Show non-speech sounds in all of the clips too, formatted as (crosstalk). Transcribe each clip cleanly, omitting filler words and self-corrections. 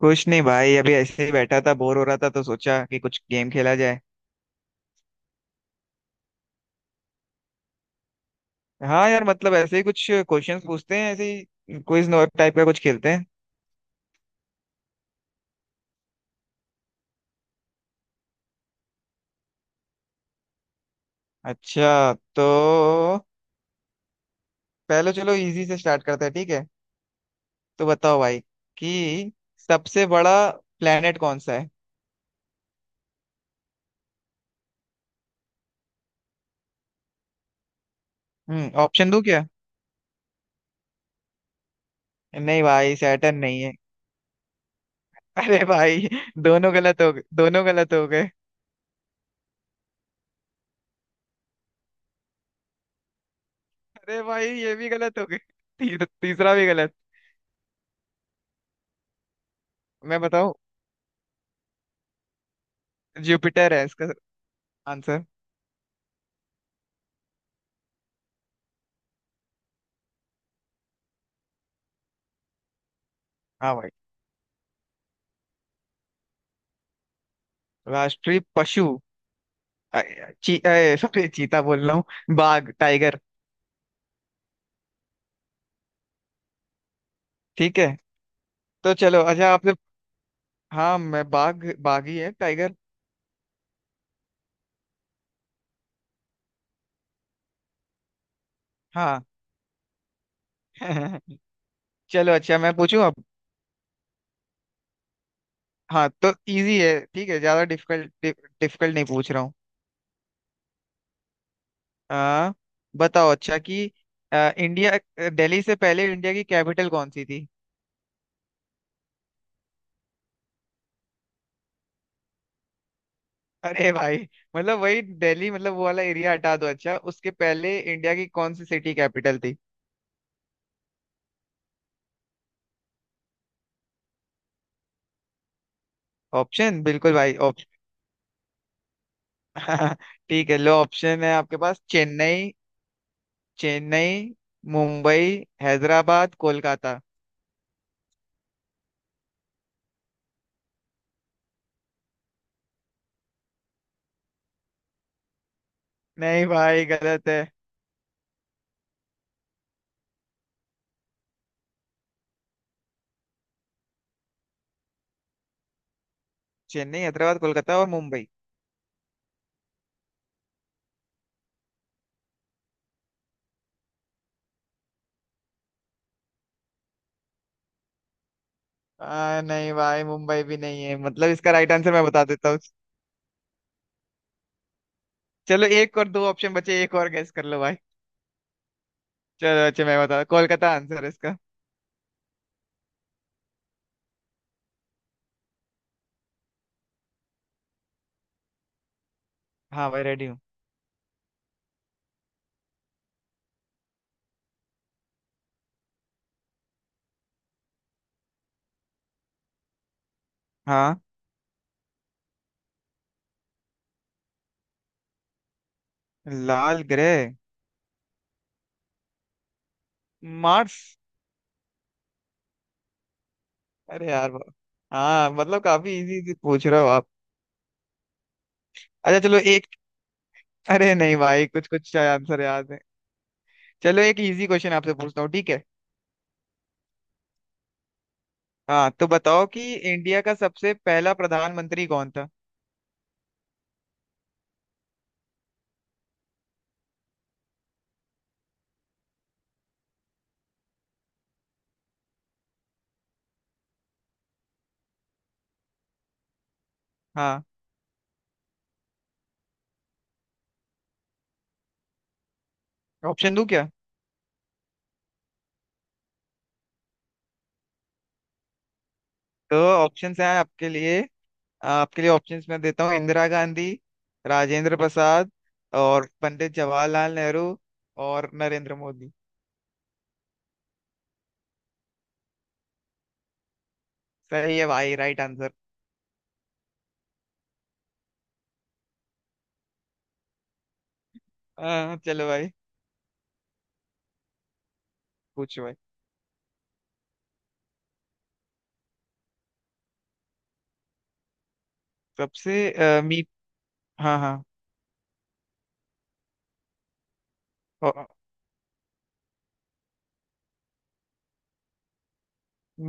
कुछ नहीं भाई। अभी ऐसे ही बैठा था, बोर हो रहा था तो सोचा कि कुछ गेम खेला जाए। हाँ यार, मतलब ऐसे ही कुछ क्वेश्चंस पूछते हैं, ऐसे ही क्विज टाइप का कुछ खेलते हैं। अच्छा तो पहले चलो इजी से स्टार्ट करते हैं, ठीक है। तो बताओ भाई कि सबसे बड़ा प्लेनेट कौन सा है। हम्म, ऑप्शन दूं क्या। नहीं भाई, सैटर्न नहीं है। (laughs) अरे भाई, दोनों गलत हो गए, दोनों गलत हो गए। अरे भाई ये भी गलत हो गए। तीसरा भी गलत। मैं बताऊं, जुपिटर है इसका आंसर। हाँ भाई। राष्ट्रीय पशु। अ- सॉरी, चीता बोल रहा हूँ, बाघ, टाइगर। ठीक है, तो चलो अच्छा आपने। हाँ मैं बाघ, बाघ ही है, टाइगर। हाँ (laughs) चलो अच्छा मैं पूछूं अब। हाँ तो इजी है, ठीक है, ज्यादा डिफिकल्ट डिफिकल्ट नहीं पूछ रहा हूँ। आ, बताओ अच्छा कि इंडिया दिल्ली से पहले इंडिया की कैपिटल कौन सी थी। अरे भाई, मतलब वही दिल्ली, मतलब वो वाला एरिया हटा दो, अच्छा उसके पहले इंडिया की कौन सी सिटी कैपिटल थी। ऑप्शन बिल्कुल भाई। (laughs) ठीक है, लो ऑप्शन है आपके पास, चेन्नई, चेन्नई, मुंबई, हैदराबाद, कोलकाता। नहीं भाई, गलत है। चेन्नई, हैदराबाद, कोलकाता और मुंबई। नहीं भाई, मुंबई भी नहीं है, मतलब इसका राइट आंसर मैं बता देता हूँ। चलो एक और दो ऑप्शन बचे, एक और गेस कर लो भाई। चलो अच्छा मैं बता, कोलकाता आंसर है इसका। हाँ भाई, रेडी हूँ। हाँ। लाल ग्रह। मार्स। अरे यार हाँ मतलब काफी इजी इजी पूछ रहे हो आप। अच्छा चलो एक। अरे नहीं भाई, कुछ कुछ आंसर याद है। चलो एक इजी क्वेश्चन आपसे पूछता हूँ, ठीक है। हाँ तो बताओ कि इंडिया का सबसे पहला प्रधानमंत्री कौन था। हाँ। ऑप्शन दूं क्या। तो ऑप्शंस हैं आपके लिए, आपके लिए ऑप्शंस मैं देता हूँ, इंदिरा गांधी, राजेंद्र प्रसाद और पंडित जवाहरलाल नेहरू और नरेंद्र मोदी। सही है भाई, राइट आंसर। हाँ चलो भाई। पूछो भाई। सबसे अ, मी हाँ हाँ, अ,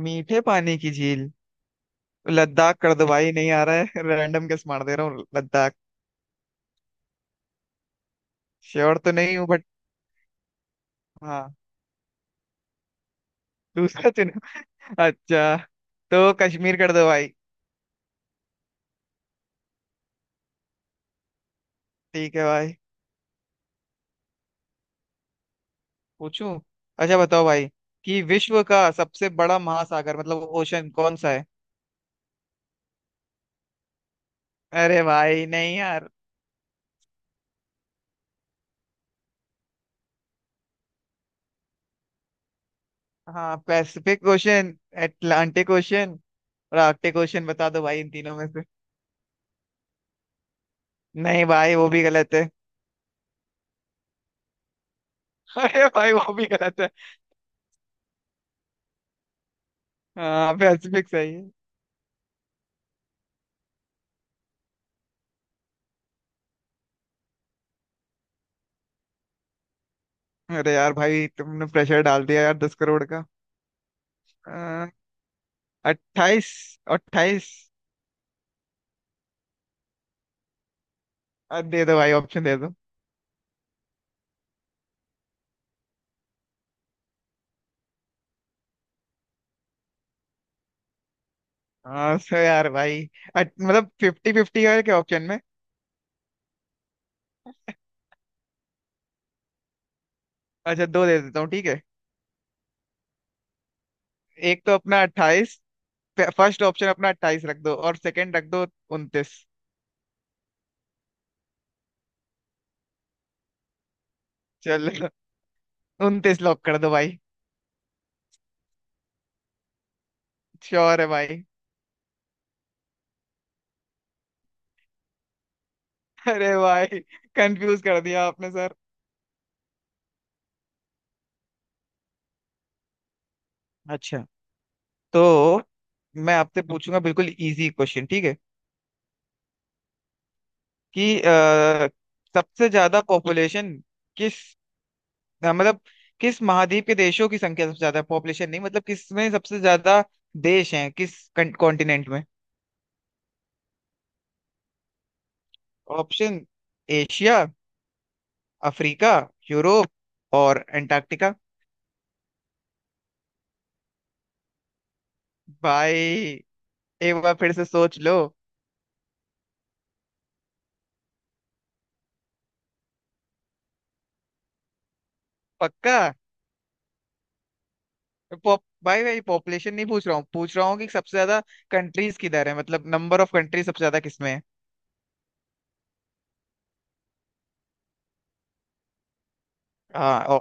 मीठे पानी की झील। लद्दाख कर दो भाई, नहीं आ रहा है। (laughs) रैंडम गेस मार दे रहा हूँ, लद्दाख। श्योर तो नहीं हूँ बट। हाँ। दूसरा चुनो। अच्छा, तो कश्मीर कर दो भाई। ठीक है भाई, पूछूं। अच्छा बताओ भाई कि विश्व का सबसे बड़ा महासागर, मतलब ओशन, कौन सा है। अरे भाई, नहीं यार। हाँ, पैसिफिक ओशन, अटलांटिक ओशन और आर्कटिक ओशन, बता दो भाई इन तीनों में से। नहीं भाई, वो भी गलत है। (laughs) अरे भाई, वो भी गलत है। हाँ, पैसिफिक सही है। अरे यार भाई, तुमने प्रेशर डाल दिया यार, 10 करोड़ का। 28, 28। दे दो भाई, ऑप्शन दे दो। हाँ सर, यार भाई, मतलब 50-50 है क्या ऑप्शन में। अच्छा दो दे देता हूँ, ठीक है। एक तो अपना 28। फर्स्ट ऑप्शन अपना 28 रख दो और सेकंड रख दो 29। चल, 29 लॉक कर दो भाई। श्योर है भाई। अरे भाई, कंफ्यूज कर दिया आपने सर। अच्छा तो मैं आपसे पूछूंगा बिल्कुल इजी क्वेश्चन, ठीक है। कि सबसे ज्यादा पॉपुलेशन किस, हाँ, मतलब किस महाद्वीप के देशों की संख्या सबसे ज्यादा है, पॉपुलेशन नहीं, मतलब किस में सबसे ज्यादा देश हैं, किस कॉन्टिनेंट में। ऑप्शन, एशिया, अफ्रीका, यूरोप और एंटार्क्टिका। भाई एक बार फिर से सोच लो। पक्का। पॉप भाई भाई, पॉपुलेशन नहीं पूछ रहा हूँ, पूछ रहा हूँ कि सबसे ज्यादा कंट्रीज किधर है, मतलब नंबर ऑफ कंट्रीज सबसे ज्यादा किसमें है। हाँ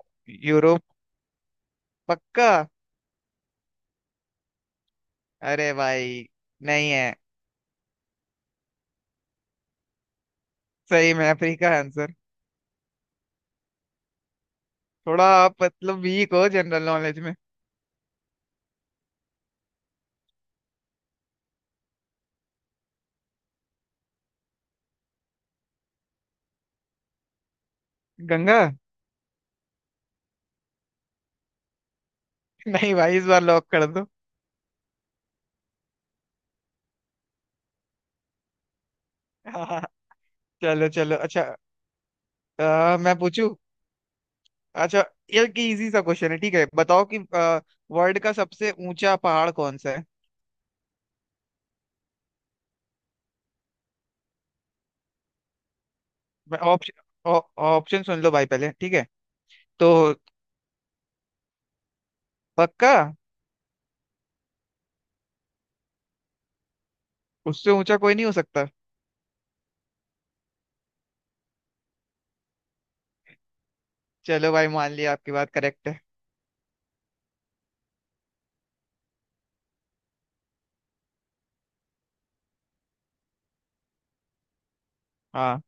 यूरोप। पक्का। अरे भाई नहीं है। सही में अफ्रीका है। थोड़ा आप मतलब वीक हो जनरल नॉलेज में। गंगा। नहीं भाई, इस बार लॉक कर दो। (laughs) हाँ चलो चलो अच्छा। मैं पूछूं। अच्छा ये की इजी सा क्वेश्चन है, ठीक है, बताओ कि वर्ल्ड का सबसे ऊंचा पहाड़ कौन सा है। मैं ऑप्शन, ऑप्शन सुन लो भाई पहले, ठीक है। तो पक्का। उससे ऊंचा कोई नहीं हो सकता। चलो भाई मान लिया, आपकी बात करेक्ट है। हाँ।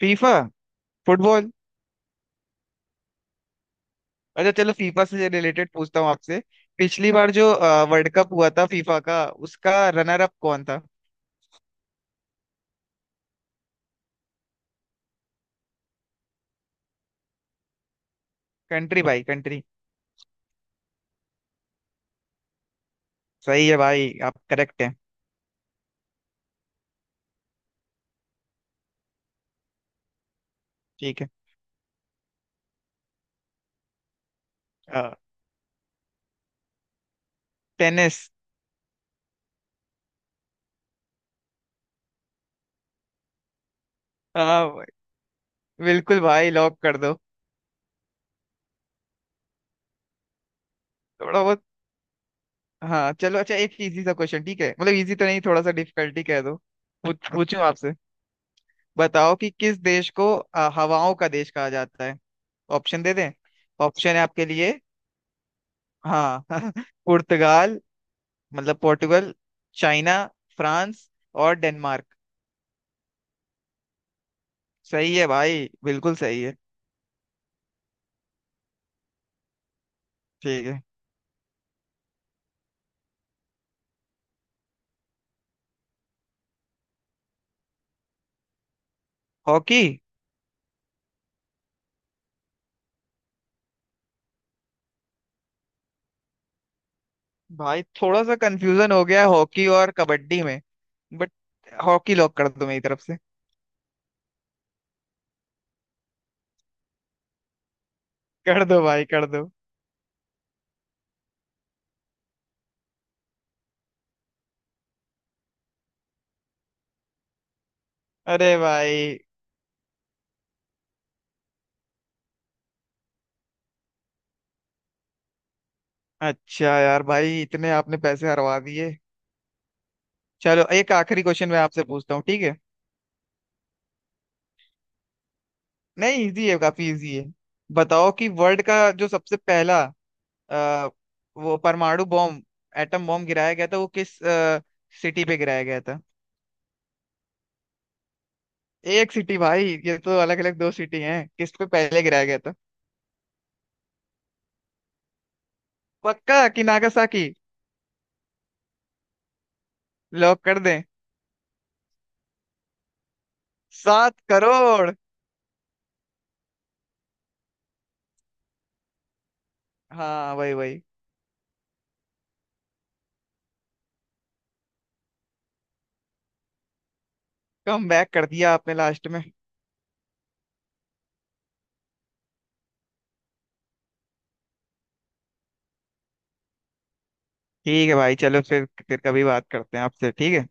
फीफा। फुटबॉल। अच्छा चलो फीफा से रिलेटेड पूछता हूँ आपसे। पिछली बार जो वर्ल्ड कप हुआ था फीफा का, उसका रनर अप कौन था। कंट्री भाई, कंट्री। सही है भाई, आप करेक्ट हैं। ठीक है। टेनिस। हाँ, बिल्कुल भाई, लॉक कर दो। थोड़ा बहुत। हाँ चलो अच्छा, एक इजी सा क्वेश्चन, ठीक है, मतलब इजी तो नहीं, थोड़ा सा डिफिकल्टी कह दो। पूछूं आपसे। बताओ कि किस देश को हवाओं का देश कहा जाता है। ऑप्शन दे दें। ऑप्शन है आपके लिए। हाँ (laughs) पुर्तगाल, मतलब पोर्टुगल, चाइना, फ्रांस और डेनमार्क। सही है भाई, बिल्कुल सही है। ठीक है। हॉकी। भाई थोड़ा सा कंफ्यूजन हो गया है हॉकी और कबड्डी में, बट हॉकी लॉक कर दो मेरी तरफ से। कर दो भाई, कर दो। अरे भाई। अच्छा यार भाई, इतने आपने पैसे हरवा दिए। चलो एक आखिरी क्वेश्चन मैं आपसे पूछता हूँ, ठीक है। नहीं इजी है, काफी इजी है। बताओ कि वर्ल्ड का जो सबसे पहला अ, वो परमाणु बॉम्ब, एटम बॉम्ब गिराया गया था, वो किस सिटी पे गिराया गया था। एक सिटी भाई, ये तो अलग अलग दो सिटी हैं, किस पे पहले गिराया गया था। पक्का कि नागासाकी। लॉक कर दें। 7 करोड़। हाँ वही वही। कम बैक कर दिया आपने लास्ट में। ठीक है भाई, चलो फिर कभी बात करते हैं आपसे, ठीक है।